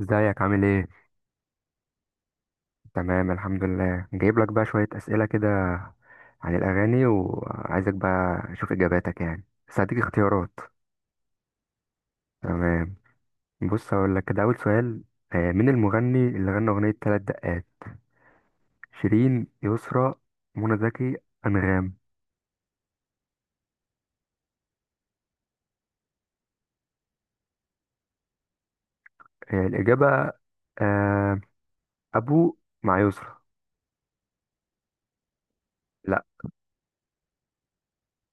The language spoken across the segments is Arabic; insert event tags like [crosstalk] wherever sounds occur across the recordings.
ازيك؟ عامل ايه؟ تمام، الحمد لله. جايب لك بقى شوية أسئلة كده عن الأغاني، وعايزك بقى أشوف إجاباتك يعني، بس هديك اختيارات. تمام، بص هقول لك كده أول سؤال. مين المغني اللي غنى أغنية تلات دقات؟ شيرين، يسرا، منى زكي، أنغام؟ الإجابة آه، أبو مع يسرا. لأ.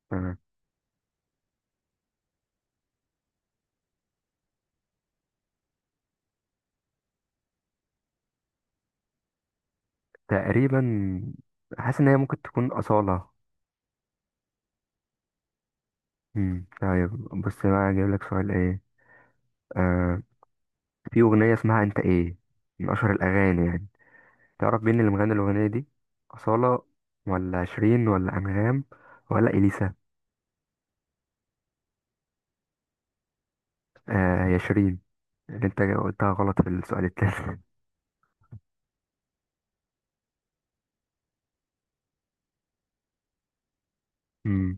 تمام. تقريبا حاسس إن هي ممكن تكون أصالة. مم، طيب. بص بقى أجيب لك سؤال ايه. آه، في أغنية اسمها أنت إيه، من أشهر الأغاني يعني. تعرف مين اللي مغني الأغنية دي؟ أصالة ولا شيرين ولا أنغام ولا إليسا؟ آه، هي شيرين. اللي أنت قلتها غلط في السؤال التاني. [laughs] أمم.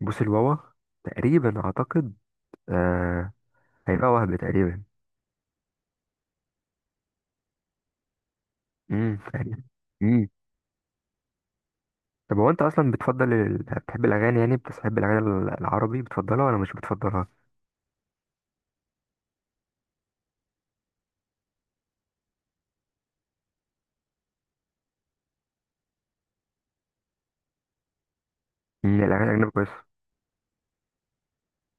بوس الواوا، [laughs] تقريبا أعتقد. آه، هيبقى وهب تقريبا. تقريبا. امم، طب هو أنت أصلا بتحب الأغاني يعني بتحب الأغاني العربي بتفضلها ولا مش بتفضلها؟ الأغاني الأجنبي كويسة.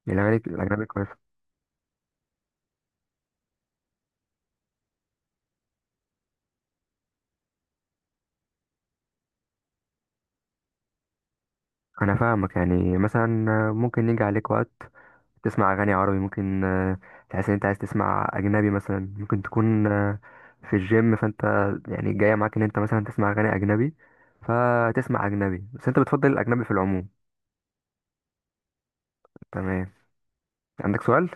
الأغاني الأجنبي كويسة. أنا فاهمك يعني، مثلا ممكن يجي عليك وقت تسمع اغاني عربي، ممكن تحس ان انت عايز تسمع اجنبي. مثلا ممكن تكون في الجيم، فانت يعني جايه معاك ان انت مثلا تسمع اغاني اجنبي فتسمع اجنبي. بس انت بتفضل الاجنبي في العموم. تمام. عندك سؤال؟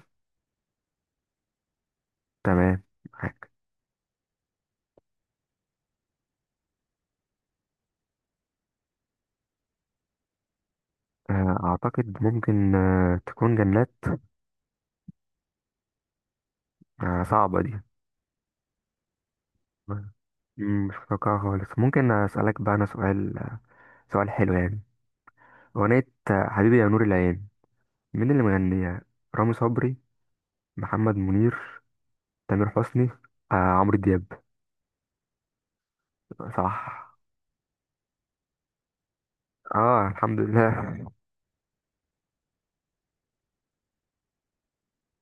تمام، معاك. اعتقد ممكن تكون جنات. صعبه دي. مش متوقعة خالص. ممكن اسالك بقى انا سؤال، سؤال حلو يعني. اغنيه حبيبي يا نور العين. مين اللي مغنيها؟ رامي صبري، محمد منير، تامر حسني، عمرو دياب؟ صح. اه، الحمد لله.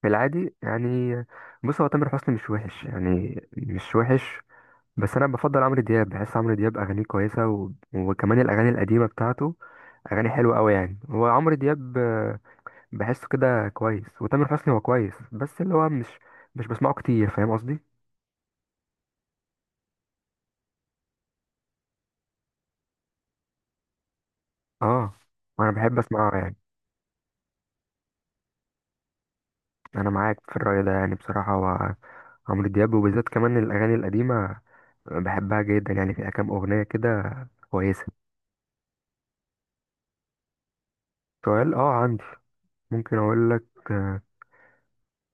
في العادي يعني، بص هو تامر حسني مش وحش، يعني مش وحش. بس انا بفضل عمرو دياب، بحس عمرو دياب اغانيه كويسه، وكمان الاغاني القديمه بتاعته. اغاني حلوه قوي يعني. هو عمرو دياب بحسه كده كويس. وتامر حسني هو كويس، بس اللي هو مش بسمعه كتير، فاهم قصدي؟ اه، انا بحب اسمعه يعني. انا معاك في الرأي ده يعني، بصراحه هو عمرو دياب وبالذات كمان الاغاني القديمه، بحبها جدا يعني فيها كام أغنية كده كويسة. سؤال؟ اه، عندي. ممكن أقول لك آه،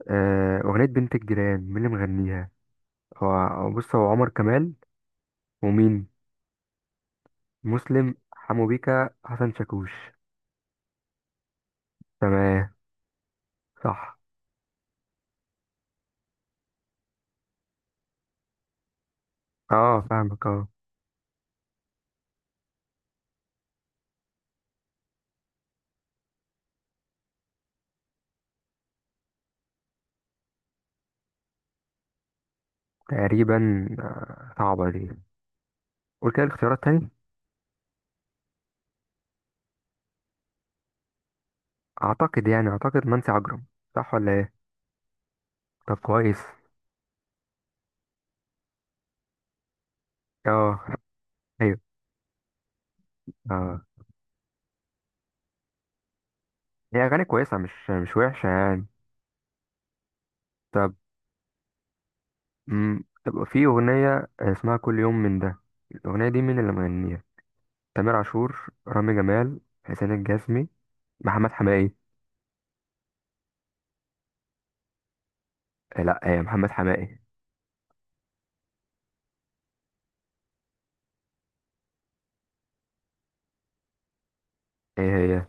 أغنية بنت الجيران؟ مين اللي مغنيها؟ هو بص، هو عمر كمال ومين؟ مسلم، حمو بيكا، حسن شاكوش؟ تمام، صح. اه، فاهمك. اه. تقريبا صعبة دي. قول كده الاختيارات تاني. أعتقد، يعني أعتقد منسي عجرم. صح ولا ايه؟ طب كويس. اه. ايوه. اه، هي أغاني كويسة، مش وحشة يعني. طب. امم، طب في اغنيه اسمها كل يوم من ده. الاغنيه دي مين اللي مغنيها؟ تامر عاشور، رامي جمال، حسين الجسمي، محمد حماقي؟ آه، لا. آه، محمد حماقي. ايه هي؟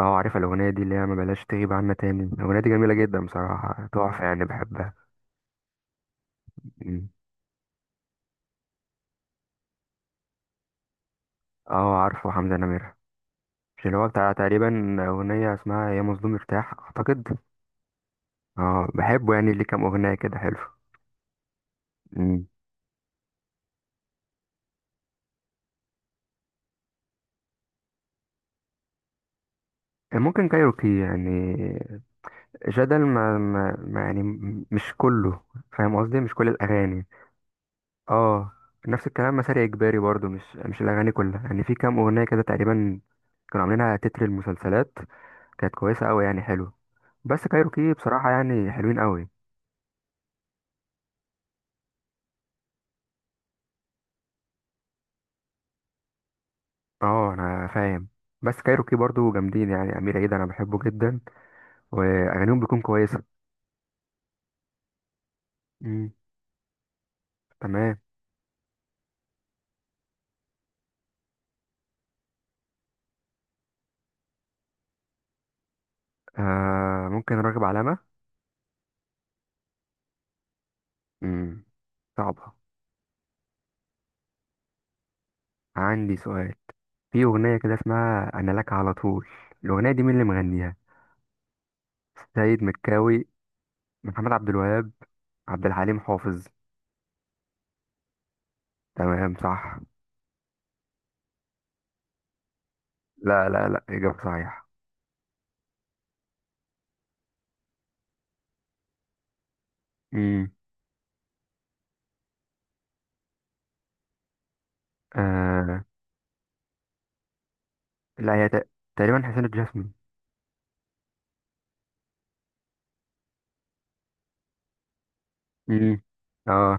اه، عارف الاغنيه دي اللي هي ما بلاش تغيب عنا تاني. الاغنيه دي جميله جدا، بصراحه تحفه يعني، بحبها. مم. اه، عارفه حمزه نمير. مش اللي هو بتاع تقريبا اغنيه اسمها يا مظلوم ارتاح اعتقد؟ اه، بحبه يعني، ليه كام اغنيه كده حلو. مم. ممكن كايروكي يعني. جدل ما يعني مش كله، فاهم قصدي؟ مش كل الاغاني. اه، نفس الكلام. مسار اجباري برضو مش الاغاني كلها يعني، في كام اغنيه كده تقريبا كانوا عاملينها تتر المسلسلات، كانت كويسه قوي يعني حلو. بس كايروكي بصراحه يعني حلوين قوي. اه، انا فاهم. بس كايروكي برضو جامدين يعني، امير عيد انا بحبه جدا واغانيهم بتكون كويسه. امم، تمام. آه، ممكن راغب علامه. امم صعبه. عندي سؤال. في أغنية كده اسمها أنا لك على طول، الأغنية دي مين اللي مغنيها؟ سيد مكاوي، محمد عبد الوهاب، عبد الحليم حافظ؟ تمام، صح. لا، لا، لا، إجابة صحيحة. امم، آه لا، هي تقريبا حسين الجسمي. امم. اه،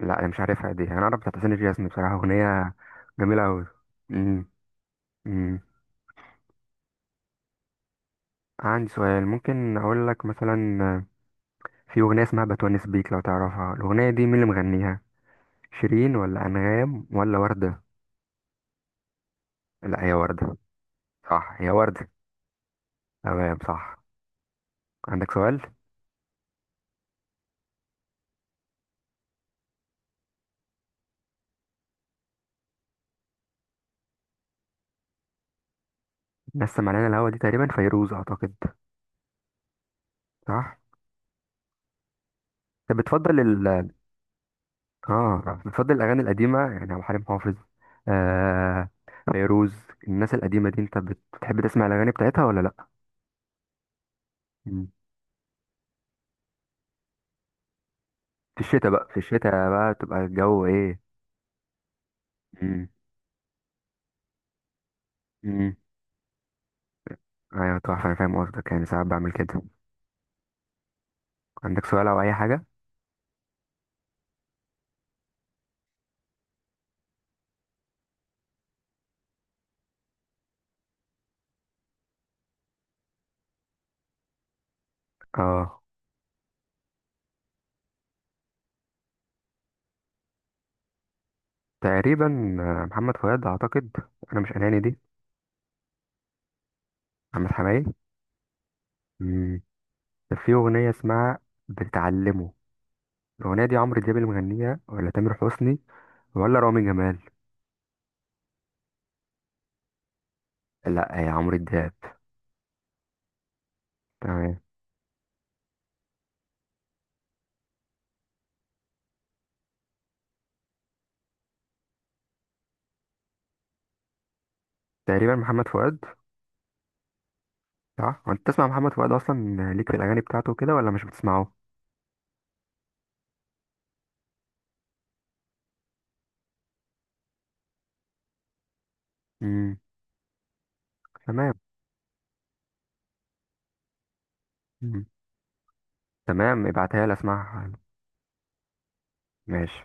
لا. انا مش عارفها دي. انا اعرف بتاعت حسين الجسمي، بصراحة أغنية جميلة أوي. امم. امم. عندي سؤال. ممكن اقول لك مثلا في أغنية اسمها بتونس بيك، لو تعرفها الأغنية دي مين اللي مغنيها؟ شيرين ولا أنغام ولا وردة؟ لا، هي وردة. صح، هي وردة. تمام، صح. عندك سؤال؟ لسه معلنا الهوا دي تقريبا فيروز اعتقد. صح. طب بتفضل ال اه بتفضل الاغاني القديمة يعني، عبد الحليم حافظ، آه فيروز. الناس القديمة دي انت بتحب تسمع الاغاني بتاعتها ولا لا؟ مم. في الشتاء بقى، في الشتاء بقى تبقى الجو ايه. امم. امم. ايوه، تحفة. انا فاهم قصدك يعني، ساعات بعمل كده. عندك سؤال او اي حاجة؟ اه، تقريبا محمد فؤاد اعتقد. انا مش اناني دي. محمد حماقي. مم. كان في أغنية اسمها بتعلمه. الأغنية دي عمرو دياب اللي مغنيها ولا تامر حسني ولا رامي جمال؟ لا، هي عمرو دياب. تمام. تقريبا محمد فؤاد. صح، هو انت تسمع محمد فؤاد اصلا ليك في الاغاني بتاعته كده ولا مش بتسمعه؟ امم، تمام. مم. تمام، ابعتها لي اسمعها. ماشي.